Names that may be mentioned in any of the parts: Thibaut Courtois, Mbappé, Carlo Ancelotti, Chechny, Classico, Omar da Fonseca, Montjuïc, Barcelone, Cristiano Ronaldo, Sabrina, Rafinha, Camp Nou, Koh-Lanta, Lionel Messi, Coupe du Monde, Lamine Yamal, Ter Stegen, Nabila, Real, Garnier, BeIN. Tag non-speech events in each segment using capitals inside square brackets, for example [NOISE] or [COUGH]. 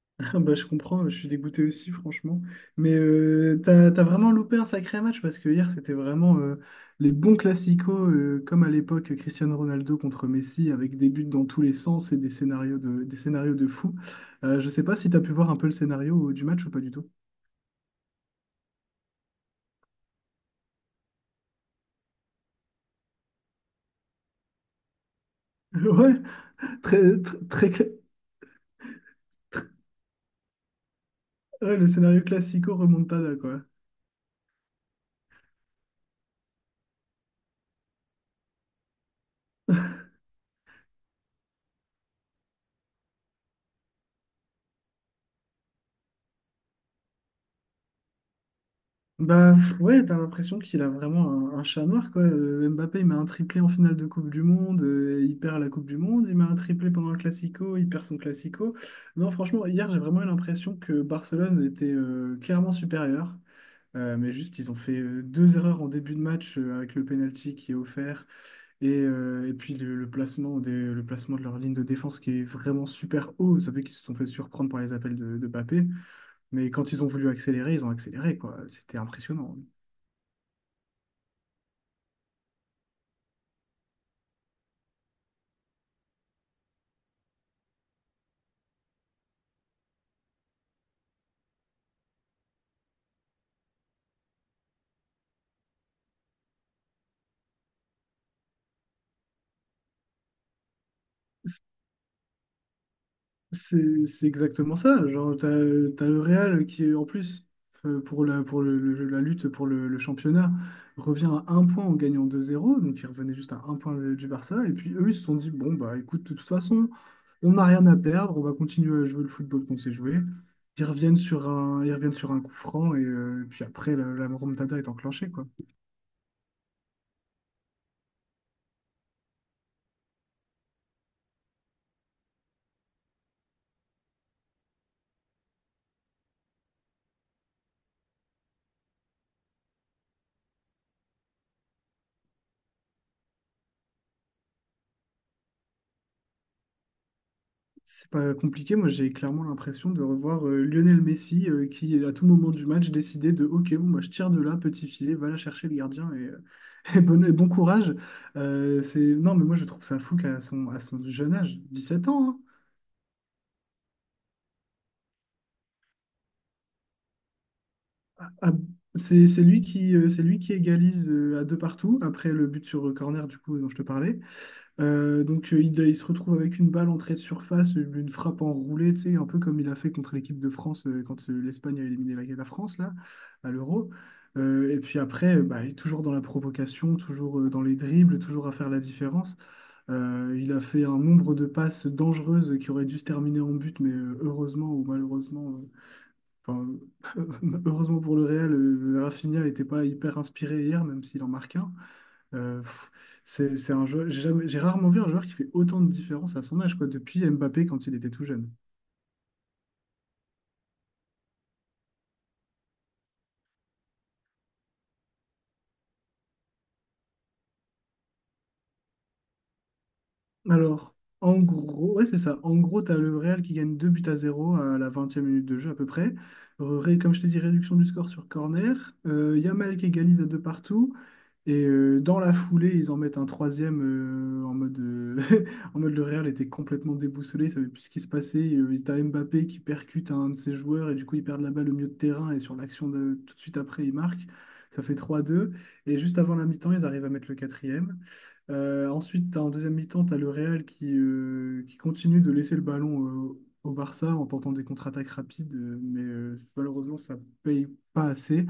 [LAUGHS] Ah bah, je comprends, je suis dégoûté aussi, franchement. Mais t'as vraiment loupé un sacré match parce que hier, c'était vraiment les bons classicos, comme à l'époque Cristiano Ronaldo contre Messi, avec des buts dans tous les sens et des scénarios de fou. Je sais pas si t'as pu voir un peu le scénario du match ou pas du tout. [LAUGHS] Ouais, très, très, très ouais, le scénario classico remontada, quoi. Bah pff, ouais, t'as l'impression qu'il a vraiment un chat noir, quoi. Mbappé, il met un triplé en finale de Coupe du Monde, il perd la Coupe du Monde, il met un triplé pendant le Classico, il perd son Classico. Non, franchement, hier, j'ai vraiment eu l'impression que Barcelone était clairement supérieur. Mais juste, ils ont fait deux erreurs en début de match avec le penalty qui est offert et puis le placement de leur ligne de défense qui est vraiment super haut. Vous savez qu'ils se sont fait surprendre par les appels de Mbappé, mais quand ils ont voulu accélérer, ils ont accéléré, quoi. C'était impressionnant. C'est exactement ça. Genre, t'as le Real qui, est, en plus, pour la, pour le- la lutte pour le championnat, revient à un point en gagnant 2-0. Donc, il revenait juste à un point du Barça. Et puis, eux, ils se sont dit, bon, bah écoute, de toute façon, on n'a rien à perdre. On va continuer à jouer le football qu'on sait jouer. Ils reviennent sur un coup franc. Et puis après, la remontada est enclenchée, quoi. C'est pas compliqué, moi j'ai clairement l'impression de revoir Lionel Messi qui à tout moment du match décidait de OK, bon, moi je tire de là, petit filet, va la chercher le gardien [LAUGHS] et bon courage. Non mais moi je trouve ça fou qu'à son jeune âge, 17 ans, hein, c'est lui qui égalise à deux partout après le but sur corner du coup dont je te parlais. Donc il se retrouve avec une balle entrée de surface, une frappe enroulée, tu sais, un peu comme il a fait contre l'équipe de France quand l'Espagne a éliminé la France là, à l'Euro. Et puis après, bah, il est toujours dans la provocation, toujours dans les dribbles, toujours à faire la différence. Il a fait un nombre de passes dangereuses qui auraient dû se terminer en but, mais heureusement ou malheureusement, euh, enfin, [LAUGHS] heureusement pour le Real, Rafinha n'était pas hyper inspiré hier, même s'il en marque un. Pff, c'est un jeu, j'ai jamais- j'ai rarement vu un joueur qui fait autant de différence à son âge, quoi, depuis Mbappé quand il était tout jeune. Alors, en gros, ouais, c'est ça. En gros, tu as le Real qui gagne 2 buts à zéro à la 20e minute de jeu à peu près. Comme je t'ai dit, réduction du score sur corner. Yamal qui égalise à deux partout. Et dans la foulée, ils en mettent un troisième en mode, [LAUGHS] en mode le Real était complètement déboussolé, il savait plus ce qui se passait. Et t'as Mbappé qui percute un de ses joueurs et du coup, ils perdent la balle au milieu de terrain et sur l'action de tout de suite après, ils marquent. Ça fait 3-2. Et juste avant la mi-temps, ils arrivent à mettre le quatrième. Ensuite, t'as en deuxième mi-temps, tu as le Real qui continue de laisser le ballon au Barça en tentant des contre-attaques rapides, mais malheureusement, ça paye pas assez. Et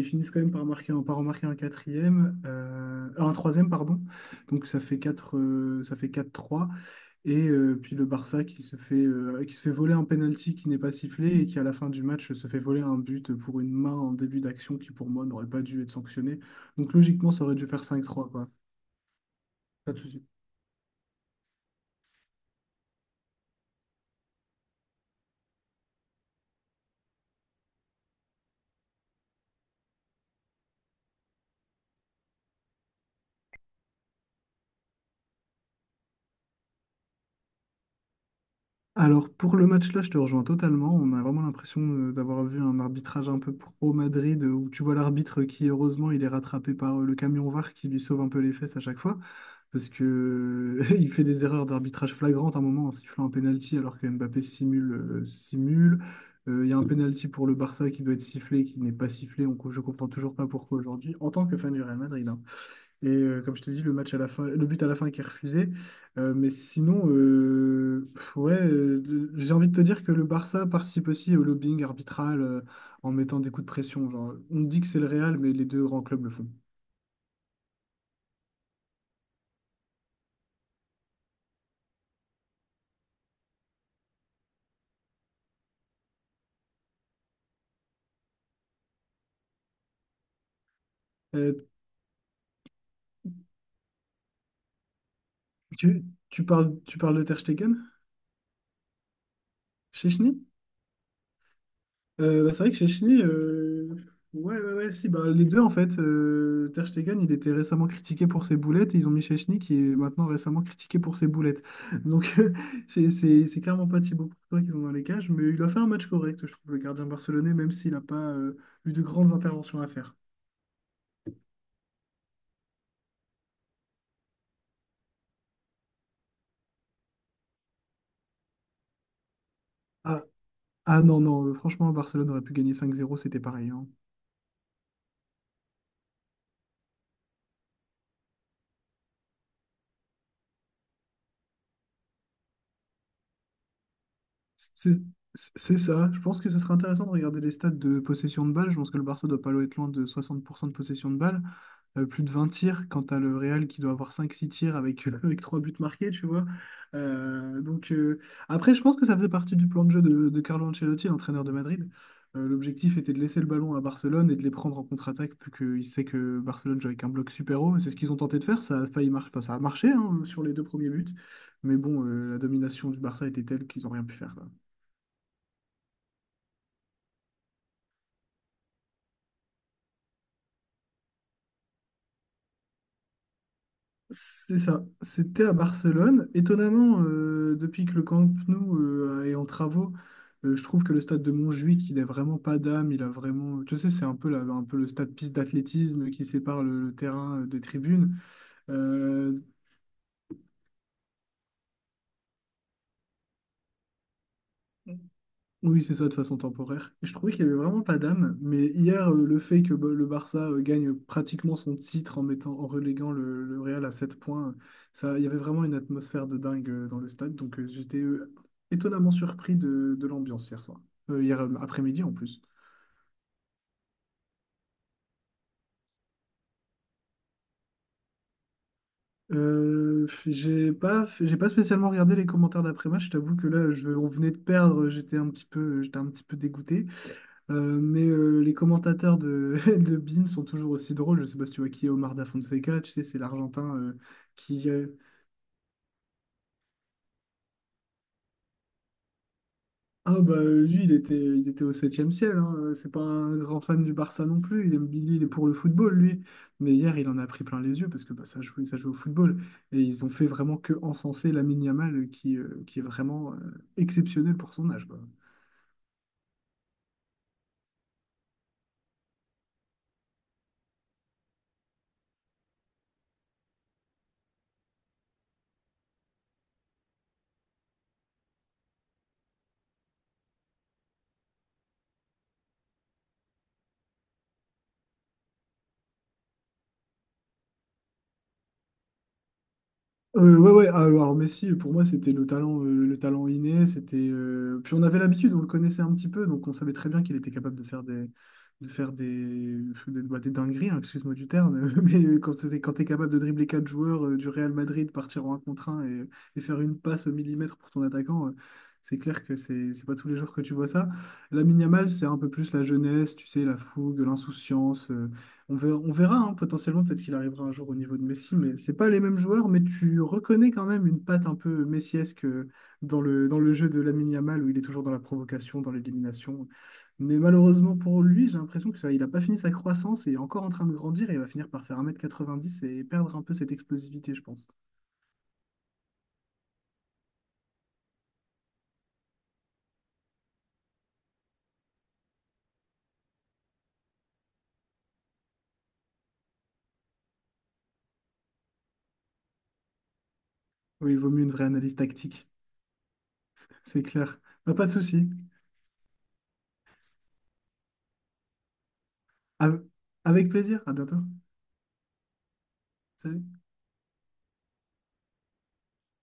ils finissent quand même par marquer, par remarquer un quatrième, un troisième, pardon. Donc ça fait quatre trois. Et puis le Barça qui se fait voler un penalty qui n'est pas sifflé et qui à la fin du match se fait voler un but pour une main en début d'action qui pour moi n'aurait pas dû être sanctionnée. Donc logiquement, ça aurait dû faire 5-3, quoi. Pas de souci. Alors pour le match-là, je te rejoins totalement. On a vraiment l'impression d'avoir vu un arbitrage un peu pro-Madrid, où tu vois l'arbitre qui, heureusement, il est rattrapé par le camion VAR qui lui sauve un peu les fesses à chaque fois, parce que [LAUGHS] il fait des erreurs d'arbitrage flagrantes à un moment en sifflant un penalty alors que Mbappé simule. Il y a un penalty pour le Barça qui doit être sifflé, qui n'est pas sifflé. Je comprends toujours pas pourquoi aujourd'hui. En tant que fan du Real Madrid, hein. Et comme je t'ai dit, le match à la fin, le but à la fin qui est refusé. Mais sinon, pff, ouais, j'ai envie de te dire que le Barça participe aussi au lobbying arbitral en mettant des coups de pression. Genre, on dit que c'est le Real, mais les deux grands clubs le font. Euh, tu parles de Ter Stegen? Chechny? Bah, c'est vrai que Chechny. Ouais, ouais, ouais, si, bah, les deux en fait. Ter Stegen, il était récemment critiqué pour ses boulettes et ils ont mis Chechny qui est maintenant récemment critiqué pour ses boulettes. Donc, [LAUGHS] c'est clairement pas Thibaut Courtois qu'ils ont dans les cages, mais il a fait un match correct, je trouve, le gardien barcelonais, même s'il n'a pas eu de grandes interventions à faire. Ah, ah non, non, franchement, Barcelone aurait pu gagner 5-0, c'était pareil, hein. C'est c'est- c'est ça. Je pense que ce serait intéressant de regarder les stats de possession de balle. Je pense que le Barça doit pas être loin de 60% de possession de balle. Plus de 20 tirs, quand tu as le Real qui doit avoir 5-6 tirs avec 3 buts marqués, tu vois. Donc, après, je pense que ça faisait partie du plan de jeu de Carlo Ancelotti, l'entraîneur de Madrid. L'objectif était de laisser le ballon à Barcelone et de les prendre en contre-attaque, plus qu'il sait que Barcelone joue avec un bloc super haut. Et c'est ce qu'ils ont tenté de faire, ça a failli enfin, ça a marché hein, sur les deux premiers buts. Mais bon, la domination du Barça était telle qu'ils n'ont rien pu faire, quoi. C'est ça, c'était à Barcelone. Étonnamment, depuis que le Camp Nou est en travaux, je trouve que le stade de Montjuïc, il a vraiment pas d'âme, il a vraiment. Tu sais, c'est un peu, un peu le stade piste d'athlétisme qui sépare le terrain des tribunes. Euh, Oui, c'est ça, de façon temporaire. Et je trouvais qu'il n'y avait vraiment pas d'âme. Mais hier, le fait que bah, le Barça gagne pratiquement son titre en reléguant le Real à 7 points, ça, il y avait vraiment une atmosphère de dingue dans le stade. Donc j'étais étonnamment surpris de l'ambiance hier soir. Hier après-midi en plus. J'ai pas spécialement regardé les commentaires d'après-match. Je t'avoue que là, on venait de perdre. J'étais un petit peu dégoûté. Mais les commentateurs de, [LAUGHS] de BeIN sont toujours aussi drôles. Je sais pas si tu vois qui est Omar da Fonseca, tu sais, c'est l'Argentin qui... euh, Ah bah lui, il était au septième ciel, hein. C'est pas un grand fan du Barça non plus, il aime Billy, il est pour le football, lui. Mais hier, il en a pris plein les yeux parce que bah, ça jouait au football. Et ils ont fait vraiment que encenser Lamine Yamal, qui est vraiment exceptionnel pour son âge, quoi. Ouais, ouais, ah, alors Messi, pour moi, c'était le talent inné, c'était, puis on avait l'habitude, on le connaissait un petit peu, donc on savait très bien qu'il était capable de faire des dingueries, hein, excuse-moi du terme, [LAUGHS] mais quand, quand tu es capable de dribbler 4 joueurs du Real Madrid, partir en un contre un et faire une passe au millimètre pour ton attaquant, c'est clair que c'est pas tous les jours que tu vois ça. Lamine Yamal, c'est un peu plus la jeunesse, tu sais, la fougue, l'insouciance, on verra, hein, potentiellement, peut-être qu'il arrivera un jour au niveau de Messi, mais c'est pas les mêmes joueurs, mais tu reconnais quand même une patte un peu messiesque dans le jeu de Lamine Yamal, où il est toujours dans la provocation, dans l'élimination. Mais malheureusement pour lui, j'ai l'impression que ça, il n'a pas fini sa croissance et est encore en train de grandir et il va finir par faire 1,90 m et perdre un peu cette explosivité, je pense. Oui, il vaut mieux une vraie analyse tactique, [LAUGHS] c'est clair. Bah, pas de souci. Av- Avec plaisir, à bientôt. Salut.